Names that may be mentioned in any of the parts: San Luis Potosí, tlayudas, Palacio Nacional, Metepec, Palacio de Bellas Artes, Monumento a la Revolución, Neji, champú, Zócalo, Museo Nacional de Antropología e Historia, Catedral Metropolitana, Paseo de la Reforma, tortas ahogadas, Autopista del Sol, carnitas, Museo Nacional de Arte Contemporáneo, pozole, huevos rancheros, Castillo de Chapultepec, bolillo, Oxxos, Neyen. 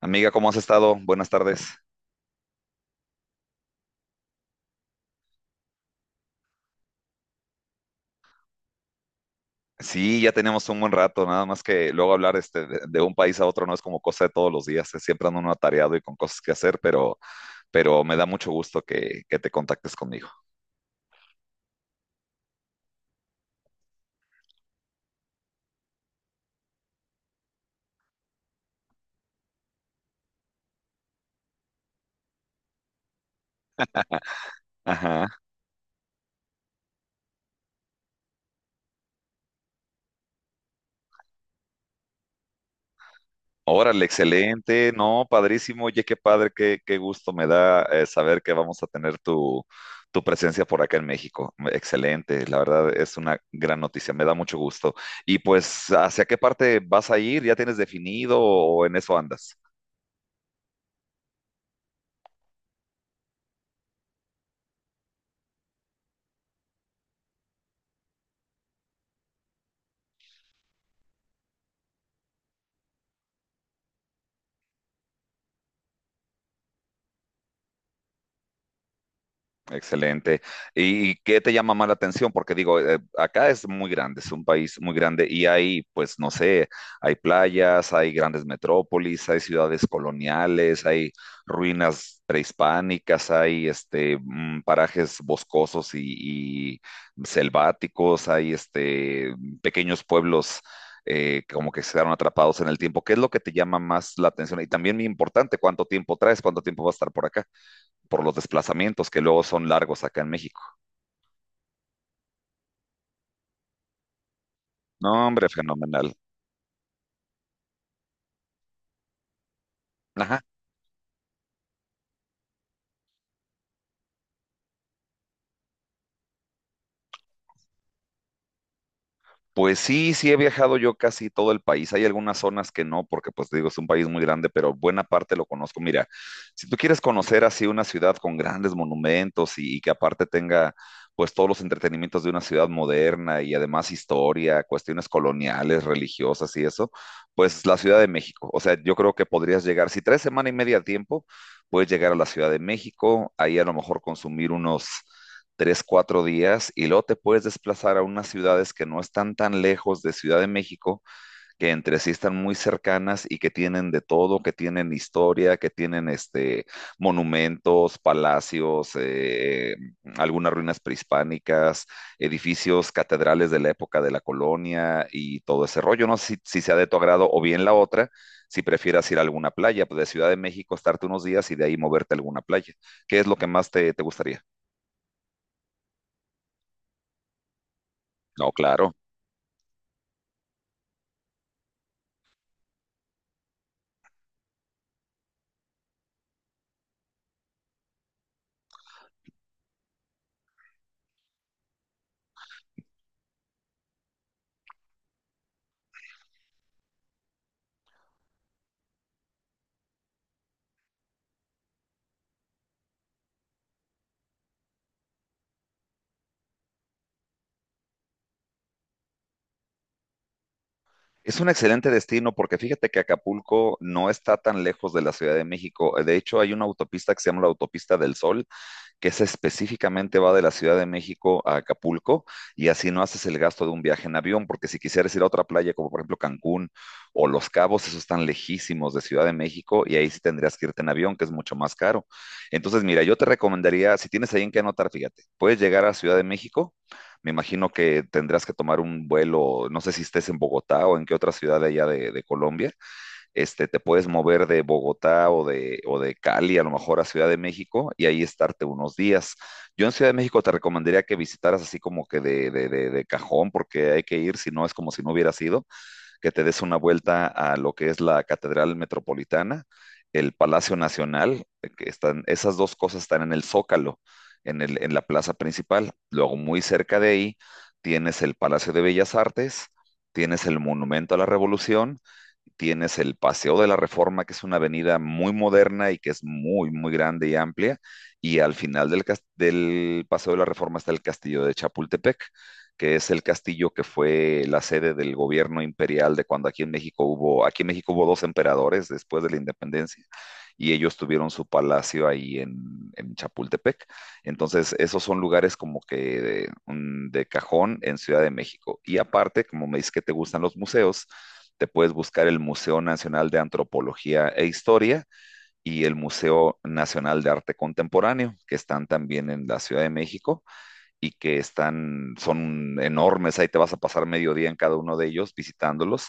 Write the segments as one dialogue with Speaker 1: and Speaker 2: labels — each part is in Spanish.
Speaker 1: Amiga, ¿cómo has estado? Buenas tardes. Sí, ya tenemos un buen rato, nada más que luego hablar de un país a otro no es como cosa de todos los días, siempre ando uno atareado y con cosas que hacer, pero me da mucho gusto que te contactes conmigo. Ajá. Órale, excelente, no, padrísimo, oye, qué padre, qué gusto me da saber que vamos a tener tu presencia por acá en México. Excelente, la verdad es una gran noticia, me da mucho gusto. Y pues, ¿hacia qué parte vas a ir? ¿Ya tienes definido o en eso andas? Excelente. ¿Y qué te llama más la atención? Porque digo, acá es muy grande, es un país muy grande y hay, pues, no sé, hay playas, hay grandes metrópolis, hay ciudades coloniales, hay ruinas prehispánicas, hay parajes boscosos y selváticos, hay pequeños pueblos como que se quedaron atrapados en el tiempo. ¿Qué es lo que te llama más la atención? Y también muy importante, ¿cuánto tiempo traes? ¿Cuánto tiempo vas a estar por acá? Por los desplazamientos que luego son largos acá en México. No, hombre, fenomenal. Ajá. Pues sí, sí he viajado yo casi todo el país. Hay algunas zonas que no, porque pues te digo, es un país muy grande, pero buena parte lo conozco. Mira, si tú quieres conocer así una ciudad con grandes monumentos y que aparte tenga pues todos los entretenimientos de una ciudad moderna y además historia, cuestiones coloniales, religiosas y eso, pues la Ciudad de México. O sea, yo creo que podrías llegar, si tres semanas y media a tiempo, puedes llegar a la Ciudad de México, ahí a lo mejor consumir unos tres, cuatro días y luego te puedes desplazar a unas ciudades que no están tan lejos de Ciudad de México, que entre sí están muy cercanas y que tienen de todo, que tienen historia, que tienen monumentos, palacios, algunas ruinas prehispánicas, edificios, catedrales de la época de la colonia y todo ese rollo. No sé si sea de tu agrado o bien la otra si prefieras ir a alguna playa, pues de Ciudad de México estarte unos días y de ahí moverte a alguna playa. ¿Qué es lo que más te gustaría? No, claro. Es un excelente destino porque fíjate que Acapulco no está tan lejos de la Ciudad de México. De hecho, hay una autopista que se llama la Autopista del Sol, que esa específicamente va de la Ciudad de México a Acapulco y así no haces el gasto de un viaje en avión, porque si quisieras ir a otra playa como por ejemplo Cancún o Los Cabos, esos están lejísimos de Ciudad de México y ahí sí tendrías que irte en avión, que es mucho más caro. Entonces, mira, yo te recomendaría, si tienes ahí en qué anotar, fíjate, puedes llegar a Ciudad de México. Me imagino que tendrás que tomar un vuelo, no sé si estés en Bogotá o en qué otra ciudad de allá de Colombia, te puedes mover de Bogotá o de Cali a lo mejor a Ciudad de México y ahí estarte unos días. Yo en Ciudad de México te recomendaría que visitaras así como que de cajón, porque hay que ir, si no es como si no hubiera sido, que te des una vuelta a lo que es la Catedral Metropolitana, el Palacio Nacional, que están, esas dos cosas están en el Zócalo, en la plaza principal. Luego muy cerca de ahí tienes el Palacio de Bellas Artes, tienes el Monumento a la Revolución, tienes el Paseo de la Reforma, que es una avenida muy moderna y que es muy, muy grande y amplia, y al final del Paseo de la Reforma está el Castillo de Chapultepec, que es el castillo que fue la sede del gobierno imperial de cuando aquí en México hubo, aquí en México hubo dos emperadores después de la independencia, y ellos tuvieron su palacio en Chapultepec. Entonces, esos son lugares como que de cajón en Ciudad de México. Y aparte, como me dices que te gustan los museos, te puedes buscar el Museo Nacional de Antropología e Historia y el Museo Nacional de Arte Contemporáneo, que están también en la Ciudad de México y que están, son enormes, ahí te vas a pasar medio día en cada uno de ellos visitándolos.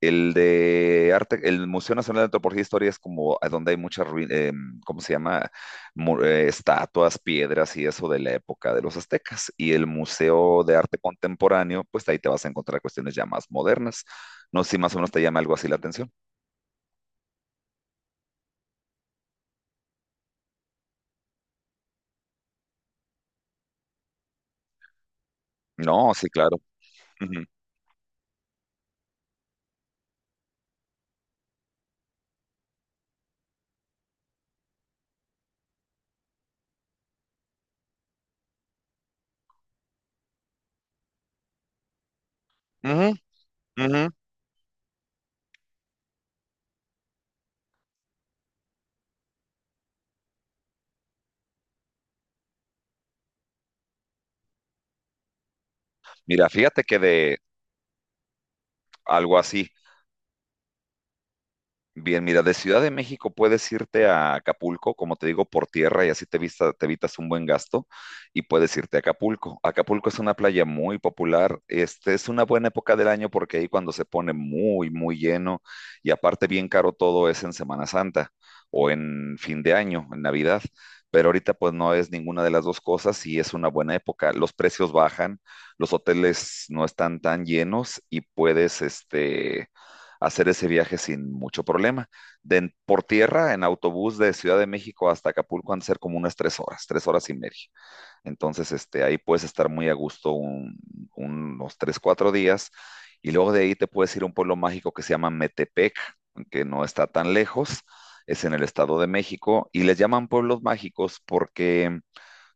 Speaker 1: El de arte, el Museo Nacional de Antropología e Historia es como a donde hay muchas, ¿cómo se llama? Estatuas, piedras y eso de la época de los aztecas. Y el Museo de Arte Contemporáneo, pues ahí te vas a encontrar cuestiones ya más modernas. No sé si más o menos te llama algo así la atención. No, sí, claro. Ujú, ujú, ujú. Mira, fíjate que de algo así, bien, mira, de Ciudad de México puedes irte a Acapulco, como te digo, por tierra y así te evitas un buen gasto y puedes irte a Acapulco. Acapulco es una playa muy popular, este es una buena época del año porque ahí cuando se pone muy, muy lleno y aparte bien caro todo es en Semana Santa o en fin de año, en Navidad, pero ahorita pues no es ninguna de las dos cosas y es una buena época. Los precios bajan, los hoteles no están tan llenos y puedes, hacer ese viaje sin mucho problema. De, por tierra, en autobús de Ciudad de México hasta Acapulco han de ser como unas tres horas y media. Entonces, ahí puedes estar muy a gusto unos tres, cuatro días. Y luego de ahí te puedes ir a un pueblo mágico que se llama Metepec, que no está tan lejos, es en el Estado de México. Y les llaman pueblos mágicos porque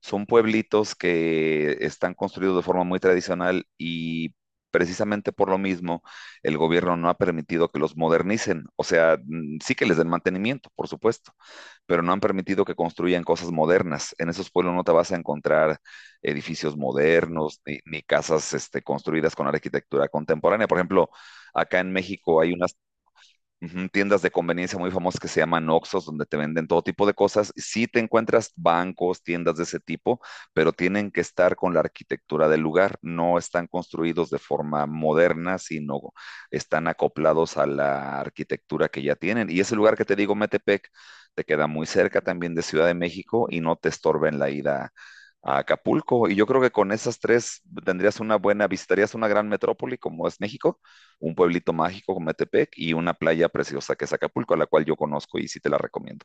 Speaker 1: son pueblitos que están construidos de forma muy tradicional y precisamente por lo mismo el gobierno no ha permitido que los modernicen. O sea, sí que les den mantenimiento, por supuesto, pero no han permitido que construyan cosas modernas. En esos pueblos no te vas a encontrar edificios modernos ni casas construidas con arquitectura contemporánea. Por ejemplo, acá en México hay una ujú, tiendas de conveniencia muy famosas que se llaman Oxxos, donde te venden todo tipo de cosas. Sí te encuentras bancos, tiendas de ese tipo, pero tienen que estar con la arquitectura del lugar. No están construidos de forma moderna, sino están acoplados a la arquitectura que ya tienen. Y ese lugar que te digo, Metepec, te queda muy cerca también de Ciudad de México y no te estorba en la ida a Acapulco. Y yo creo que con esas tres tendrías una buena, visitarías una gran metrópoli como es México, un pueblito mágico como Metepec y una playa preciosa que es Acapulco, a la cual yo conozco y sí te la recomiendo.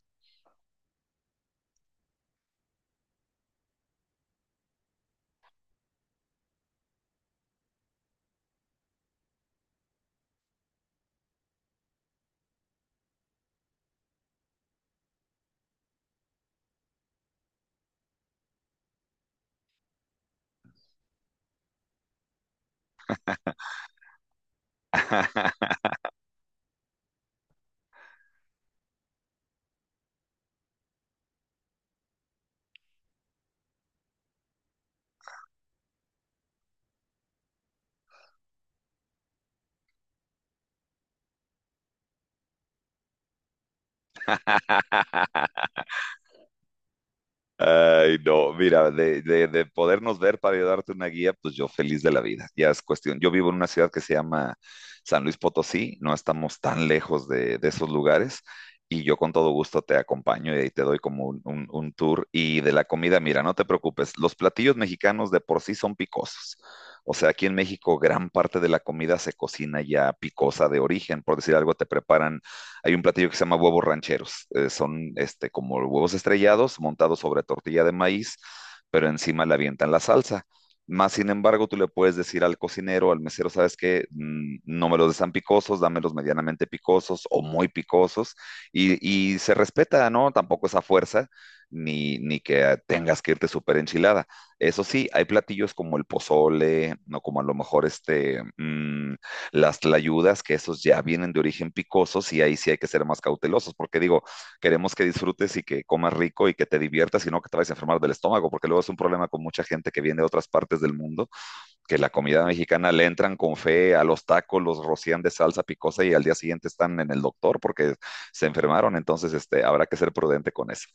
Speaker 1: Ay, no, mira, de podernos ver para yo darte una guía, pues yo feliz de la vida. Ya es cuestión. Yo vivo en una ciudad que se llama San Luis Potosí, no estamos tan lejos de esos lugares y yo con todo gusto te acompaño y te doy como un tour. Y de la comida, mira, no te preocupes, los platillos mexicanos de por sí son picosos. O sea, aquí en México gran parte de la comida se cocina ya picosa de origen, por decir algo, te preparan hay un platillo que se llama huevos rancheros. Son como huevos estrellados montados sobre tortilla de maíz, pero encima le avientan la salsa. Más sin embargo, tú le puedes decir al cocinero, al mesero, ¿sabes qué? No me los des tan picosos, dámelos medianamente picosos o muy picosos. Y se respeta, ¿no? Tampoco esa fuerza, ni que tengas que irte súper enchilada. Eso sí, hay platillos como el pozole, no como a lo mejor las tlayudas, que esos ya vienen de origen picosos y ahí sí hay que ser más cautelosos, porque digo, queremos que disfrutes y que comas rico y que te diviertas y no que te vayas a enfermar del estómago, porque luego es un problema con mucha gente que viene de otras partes del mundo, que la comida mexicana le entran con fe a los tacos, los rocían de salsa picosa y al día siguiente están en el doctor porque se enfermaron, entonces habrá que ser prudente con eso.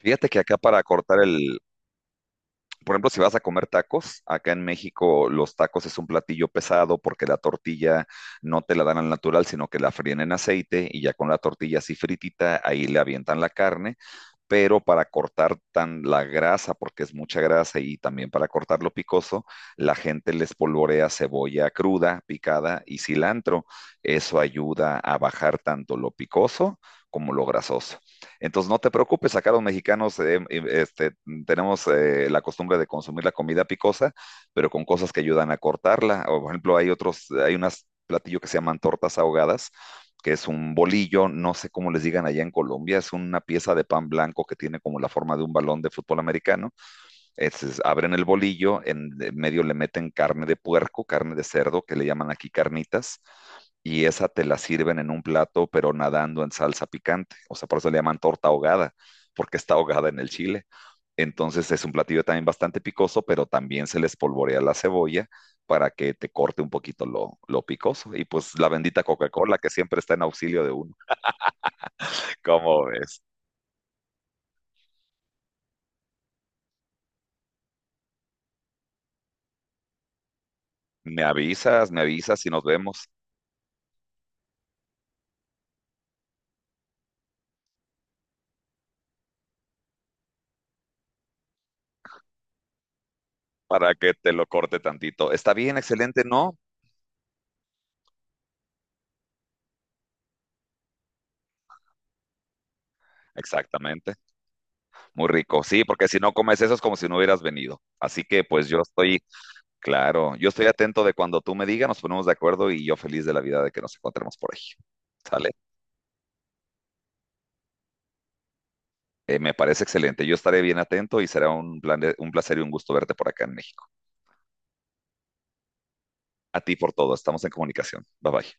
Speaker 1: Fíjate que acá para cortar por ejemplo, si vas a comer tacos, acá en México los tacos es un platillo pesado porque la tortilla no te la dan al natural, sino que la fríen en aceite y ya con la tortilla así fritita, ahí le avientan la carne, pero para cortar tan la grasa, porque es mucha grasa, y también para cortar lo picoso, la gente les polvorea cebolla cruda, picada y cilantro. Eso ayuda a bajar tanto lo picoso como lo grasoso. Entonces, no te preocupes, acá los mexicanos tenemos la costumbre de consumir la comida picosa, pero con cosas que ayudan a cortarla. O, por ejemplo, hay otros, hay unas platillo que se llaman tortas ahogadas, que es un bolillo, no sé cómo les digan allá en Colombia, es una pieza de pan blanco que tiene como la forma de un balón de fútbol americano, es, abren el bolillo, en medio le meten carne de puerco, carne de cerdo, que le llaman aquí carnitas, y esa te la sirven en un plato, pero nadando en salsa picante. O sea, por eso le llaman torta ahogada, porque está ahogada en el chile. Entonces es un platillo también bastante picoso, pero también se les polvorea la cebolla para que te corte un poquito lo picoso. Y pues la bendita Coca-Cola que siempre está en auxilio de uno. ¿Cómo ves? Me avisas y nos vemos. Para que te lo corte tantito. ¿Está bien? Excelente, ¿no? Exactamente. Muy rico. Sí, porque si no comes eso es como si no hubieras venido. Así que pues yo estoy, claro, yo estoy atento de cuando tú me digas, nos ponemos de acuerdo y yo feliz de la vida de que nos encontremos por ahí. ¿Sale? Me parece excelente. Yo estaré bien atento y será un placer y un gusto verte por acá en México. A ti por todo. Estamos en comunicación. Bye bye.